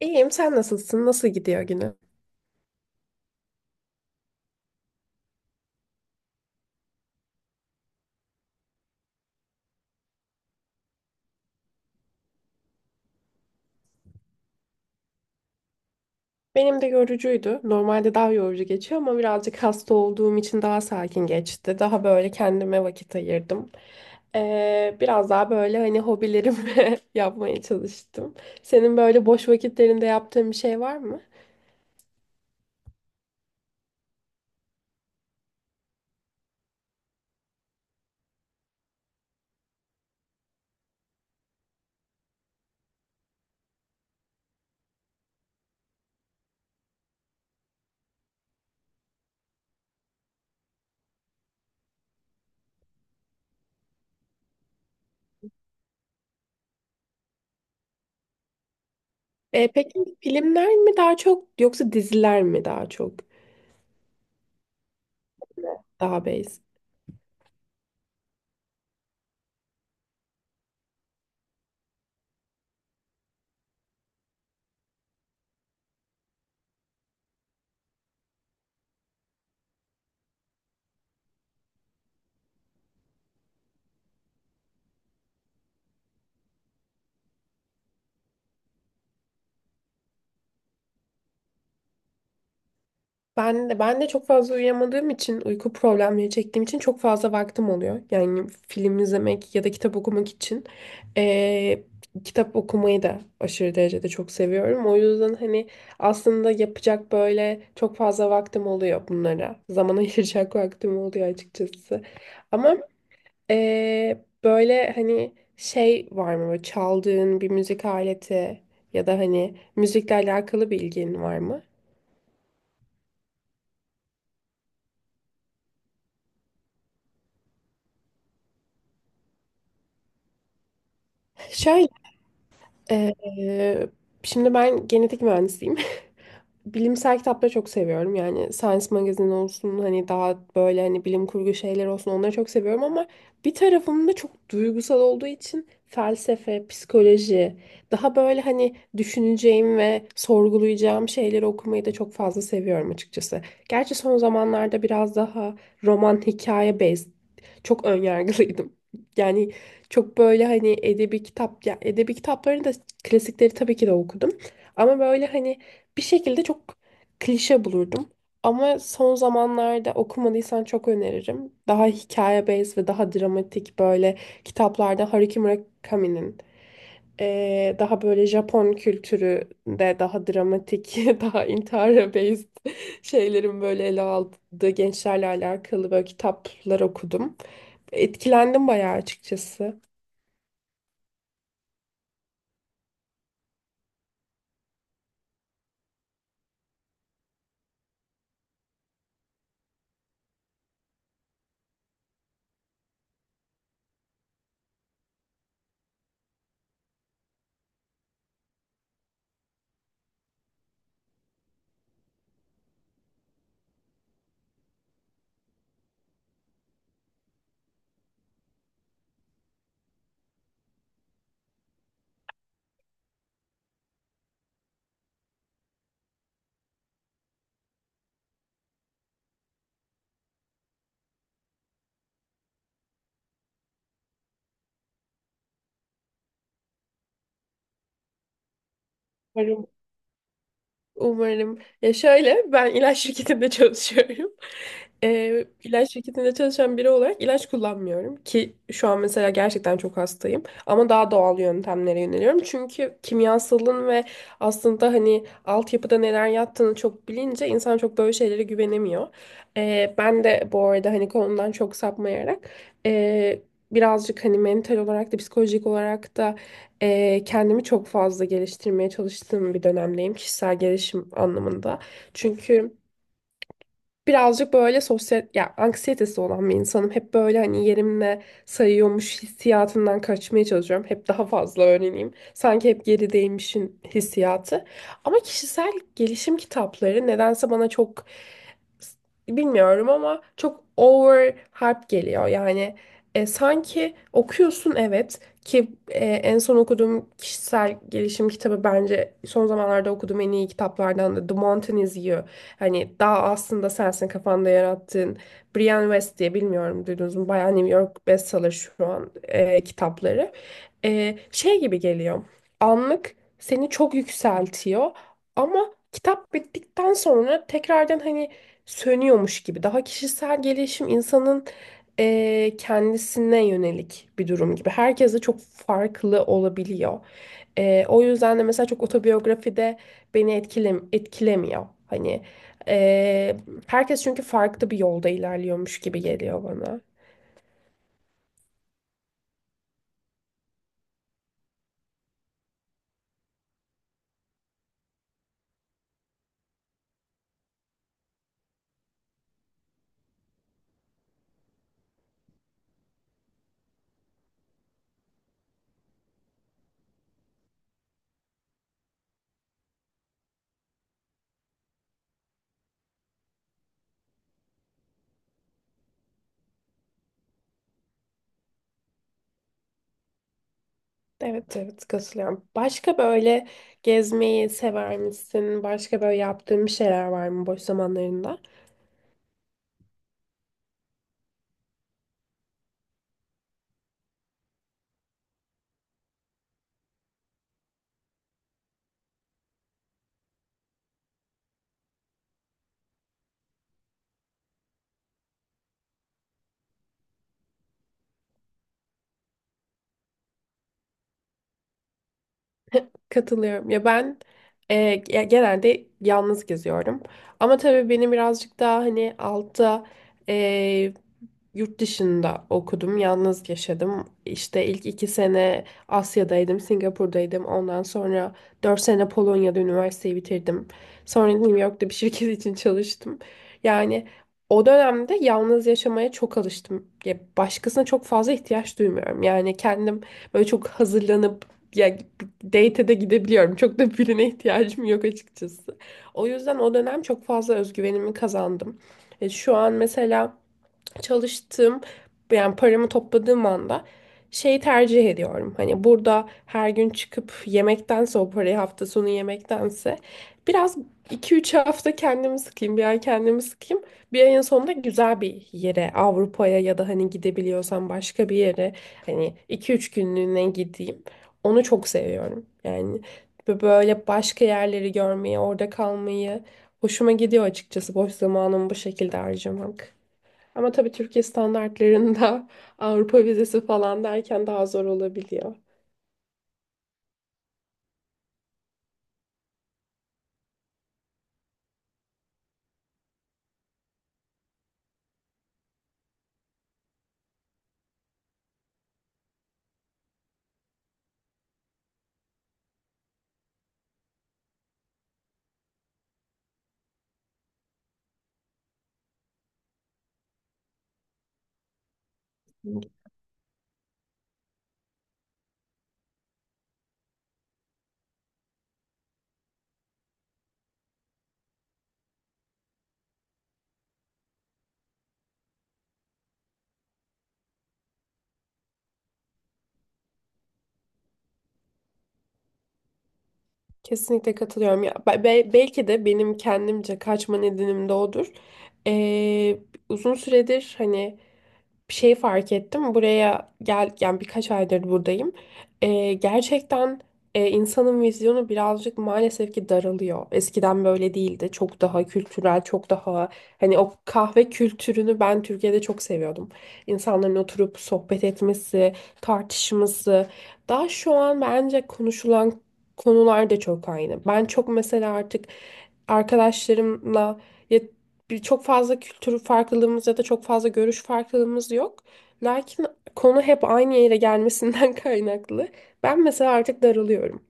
İyiyim, sen nasılsın? Nasıl gidiyor günü? Benim de yorucuydu. Normalde daha yorucu geçiyor ama birazcık hasta olduğum için daha sakin geçti. Daha böyle kendime vakit ayırdım. Biraz daha böyle hani hobilerimi yapmaya çalıştım. Senin böyle boş vakitlerinde yaptığın bir şey var mı? Peki filmler mi daha çok yoksa diziler mi daha çok? Daha base. Ben de çok fazla uyuyamadığım için, uyku problemleri çektiğim için çok fazla vaktim oluyor. Yani film izlemek ya da kitap okumak için. Ee, kitap okumayı da aşırı derecede çok seviyorum. O yüzden hani aslında yapacak böyle çok fazla vaktim oluyor bunlara. Zaman ayıracak vaktim oluyor açıkçası. Ama böyle hani şey var mı? Böyle çaldığın bir müzik aleti ya da hani müzikle alakalı bir ilgin var mı? Şöyle Ee, şimdi ben genetik mühendisiyim, bilimsel kitapları çok seviyorum. Yani Science Magazine olsun, hani daha böyle hani bilim kurgu şeyler olsun, onları çok seviyorum ama bir tarafım da çok duygusal olduğu için felsefe, psikoloji, daha böyle hani düşüneceğim ve sorgulayacağım şeyleri okumayı da çok fazla seviyorum açıkçası. Gerçi son zamanlarda biraz daha roman hikaye based çok önyargılıydım. Yani çok böyle hani edebi kitap, ya edebi kitaplarını da klasikleri tabii ki de okudum. Ama böyle hani bir şekilde çok klişe bulurdum. Ama son zamanlarda okumadıysan çok öneririm. Daha hikaye based ve daha dramatik böyle kitaplarda Haruki Murakami'nin daha böyle Japon kültüründe daha dramatik, daha intihara based şeylerin böyle ele aldığı gençlerle alakalı böyle kitaplar okudum. Etkilendim bayağı açıkçası. Umarım. Ya şöyle, ben ilaç şirketinde çalışıyorum. İlaç şirketinde çalışan biri olarak ilaç kullanmıyorum ki şu an mesela gerçekten çok hastayım ama daha doğal yöntemlere yöneliyorum. Çünkü kimyasalın ve aslında hani altyapıda neler yattığını çok bilince insan çok böyle şeylere güvenemiyor. Ben de bu arada hani konudan çok sapmayarak ee, birazcık hani mental olarak da psikolojik olarak da kendimi çok fazla geliştirmeye çalıştığım bir dönemdeyim, kişisel gelişim anlamında. Çünkü birazcık böyle sosyal ya anksiyetesi olan bir insanım. Hep böyle hani yerimle sayıyormuş hissiyatından kaçmaya çalışıyorum. Hep daha fazla öğreneyim. Sanki hep gerideymişin hissiyatı. Ama kişisel gelişim kitapları nedense bana çok, bilmiyorum ama çok over hype geliyor. Yani sanki okuyorsun, evet ki en son okuduğum kişisel gelişim kitabı, bence son zamanlarda okuduğum en iyi kitaplardan da The Mountain Is You. Hani daha aslında sensin kafanda yarattığın. Brian West diye, bilmiyorum, duydunuz mu? Bayağı New York bestseller şu an kitapları. Şey gibi geliyor. Anlık seni çok yükseltiyor ama kitap bittikten sonra tekrardan hani sönüyormuş gibi. Daha kişisel gelişim insanın kendisine yönelik bir durum gibi. Herkes de çok farklı olabiliyor. O yüzden de mesela çok otobiyografi de beni etkilemiyor. Hani eee, herkes çünkü farklı bir yolda ilerliyormuş gibi geliyor bana. Evet, evet, katılıyorum. Başka böyle gezmeyi sever misin? Başka böyle yaptığın bir şeyler var mı boş zamanlarında? Katılıyorum. Ya ben, e, ya genelde yalnız geziyorum. Ama tabii benim birazcık daha hani altta e, yurt dışında okudum, yalnız yaşadım. İşte ilk iki sene Asya'daydım, Singapur'daydım. Ondan sonra dört sene Polonya'da üniversiteyi bitirdim. Sonra New York'ta bir şirket için çalıştım. Yani o dönemde yalnız yaşamaya çok alıştım. Ya başkasına çok fazla ihtiyaç duymuyorum. Yani kendim böyle çok hazırlanıp ya date'e de gidebiliyorum. Çok da birine ihtiyacım yok açıkçası. O yüzden o dönem çok fazla özgüvenimi kazandım. Şu an mesela çalıştığım, yani paramı topladığım anda şeyi tercih ediyorum. Hani burada her gün çıkıp yemektense, o parayı hafta sonu yemektense, biraz iki üç hafta kendimi sıkayım, bir ay kendimi sıkayım. Bir ayın sonunda güzel bir yere, Avrupa'ya ya da hani gidebiliyorsam başka bir yere, hani iki üç günlüğüne gideyim. Onu çok seviyorum. Yani böyle başka yerleri görmeyi, orada kalmayı hoşuma gidiyor açıkçası, boş zamanımı bu şekilde harcamak. Ama tabii Türkiye standartlarında Avrupa vizesi falan derken daha zor olabiliyor. Kesinlikle katılıyorum. Ya, belki de benim kendimce kaçma nedenim de odur. Ee, uzun süredir hani bir şey fark ettim. Buraya gel, yani birkaç aydır buradayım. Gerçekten insanın vizyonu birazcık maalesef ki daralıyor. Eskiden böyle değildi. Çok daha kültürel, çok daha hani o kahve kültürünü ben Türkiye'de çok seviyordum. İnsanların oturup sohbet etmesi, tartışması. Daha şu an bence konuşulan konular da çok aynı. Ben çok mesela artık arkadaşlarımla, ya bir çok fazla kültür farklılığımız ya da çok fazla görüş farklılığımız yok. Lakin konu hep aynı yere gelmesinden kaynaklı. Ben mesela artık daralıyorum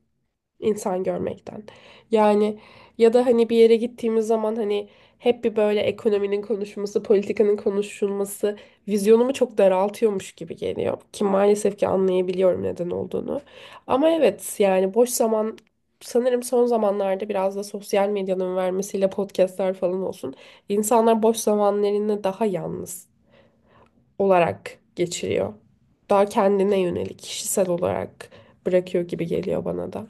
insan görmekten. Yani ya da hani bir yere gittiğimiz zaman hani hep bir böyle ekonominin konuşulması, politikanın konuşulması vizyonumu çok daraltıyormuş gibi geliyor. Ki maalesef ki anlayabiliyorum neden olduğunu. Ama evet, yani boş zaman, sanırım son zamanlarda biraz da sosyal medyanın vermesiyle podcastler falan olsun, İnsanlar boş zamanlarını daha yalnız olarak geçiriyor. Daha kendine yönelik, kişisel olarak bırakıyor gibi geliyor bana da.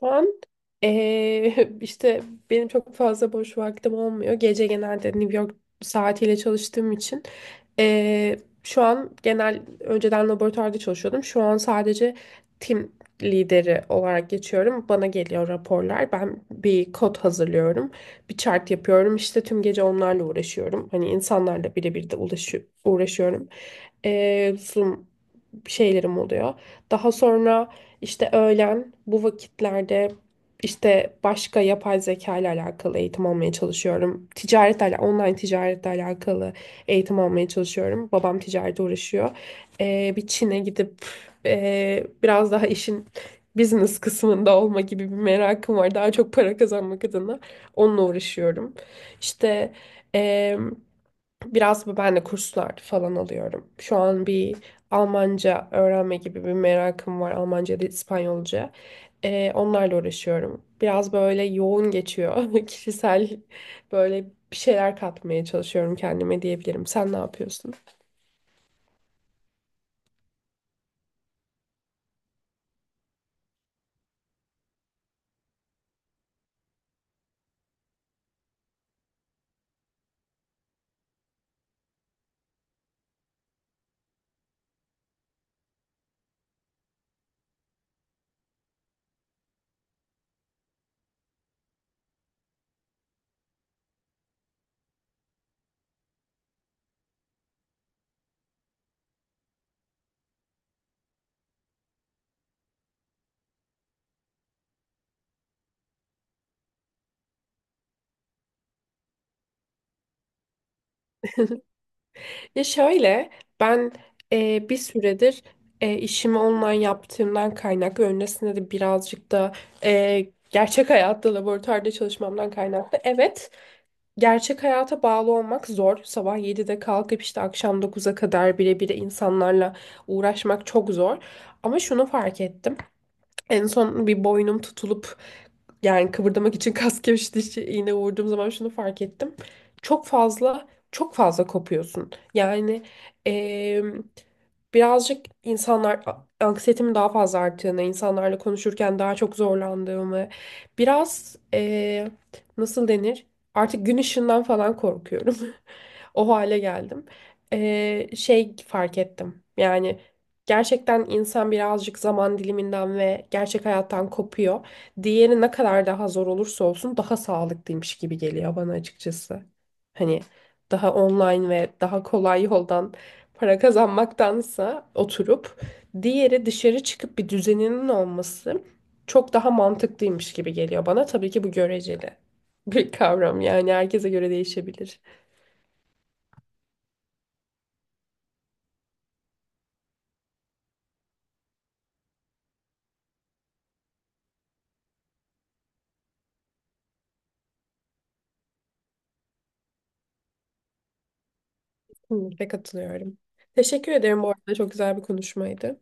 Şu an işte benim çok fazla boş vaktim olmuyor. Gece genelde New York saatiyle çalıştığım için şu an genel, önceden laboratuvarda çalışıyordum. Şu an sadece tim lideri olarak geçiyorum. Bana geliyor raporlar. Ben bir kod hazırlıyorum. Bir chart yapıyorum. İşte tüm gece onlarla uğraşıyorum. Hani insanlarla birebir de uğraşıyorum. Zoom şeylerim oluyor. Daha sonra işte öğlen bu vakitlerde işte başka yapay zeka ile alakalı eğitim almaya çalışıyorum. Ticaretle, online ticaretle alakalı eğitim almaya çalışıyorum. Babam ticarete uğraşıyor. Bir Çin'e gidip biraz daha işin business kısmında olma gibi bir merakım var. Daha çok para kazanmak adına onunla uğraşıyorum. İşte em, biraz ben de kurslar falan alıyorum. Şu an bir Almanca öğrenme gibi bir merakım var. Almanca ya da İspanyolca. Onlarla uğraşıyorum. Biraz böyle yoğun geçiyor. Kişisel böyle bir şeyler katmaya çalışıyorum kendime diyebilirim. Sen ne yapıyorsun? Ya şöyle, ben bir süredir işimi online yaptığımdan kaynaklı, öncesinde de birazcık da gerçek hayatta laboratuvarda çalışmamdan kaynaklı. Evet. Gerçek hayata bağlı olmak zor. Sabah 7'de kalkıp işte akşam 9'a kadar birebir insanlarla uğraşmak çok zor. Ama şunu fark ettim. En son bir boynum tutulup yani kıvırdamak için kas gevşetici iğne vurduğum zaman şunu fark ettim. Çok fazla çok fazla kopuyorsun. Yani em, birazcık insanlar anksiyetemin daha fazla arttığını, insanlarla konuşurken daha çok zorlandığımı, biraz nasıl denir? Artık gün ışığından falan korkuyorum. O hale geldim. Şey fark ettim. Yani gerçekten insan birazcık zaman diliminden ve gerçek hayattan kopuyor. Diğeri ne kadar daha zor olursa olsun daha sağlıklıymış gibi geliyor bana açıkçası. Hani daha online ve daha kolay yoldan para kazanmaktansa, oturup diğeri dışarı çıkıp bir düzeninin olması çok daha mantıklıymış gibi geliyor bana. Tabii ki bu göreceli bir kavram, yani herkese göre değişebilir. Kesinlikle katılıyorum. Teşekkür ederim bu arada, çok güzel bir konuşmaydı.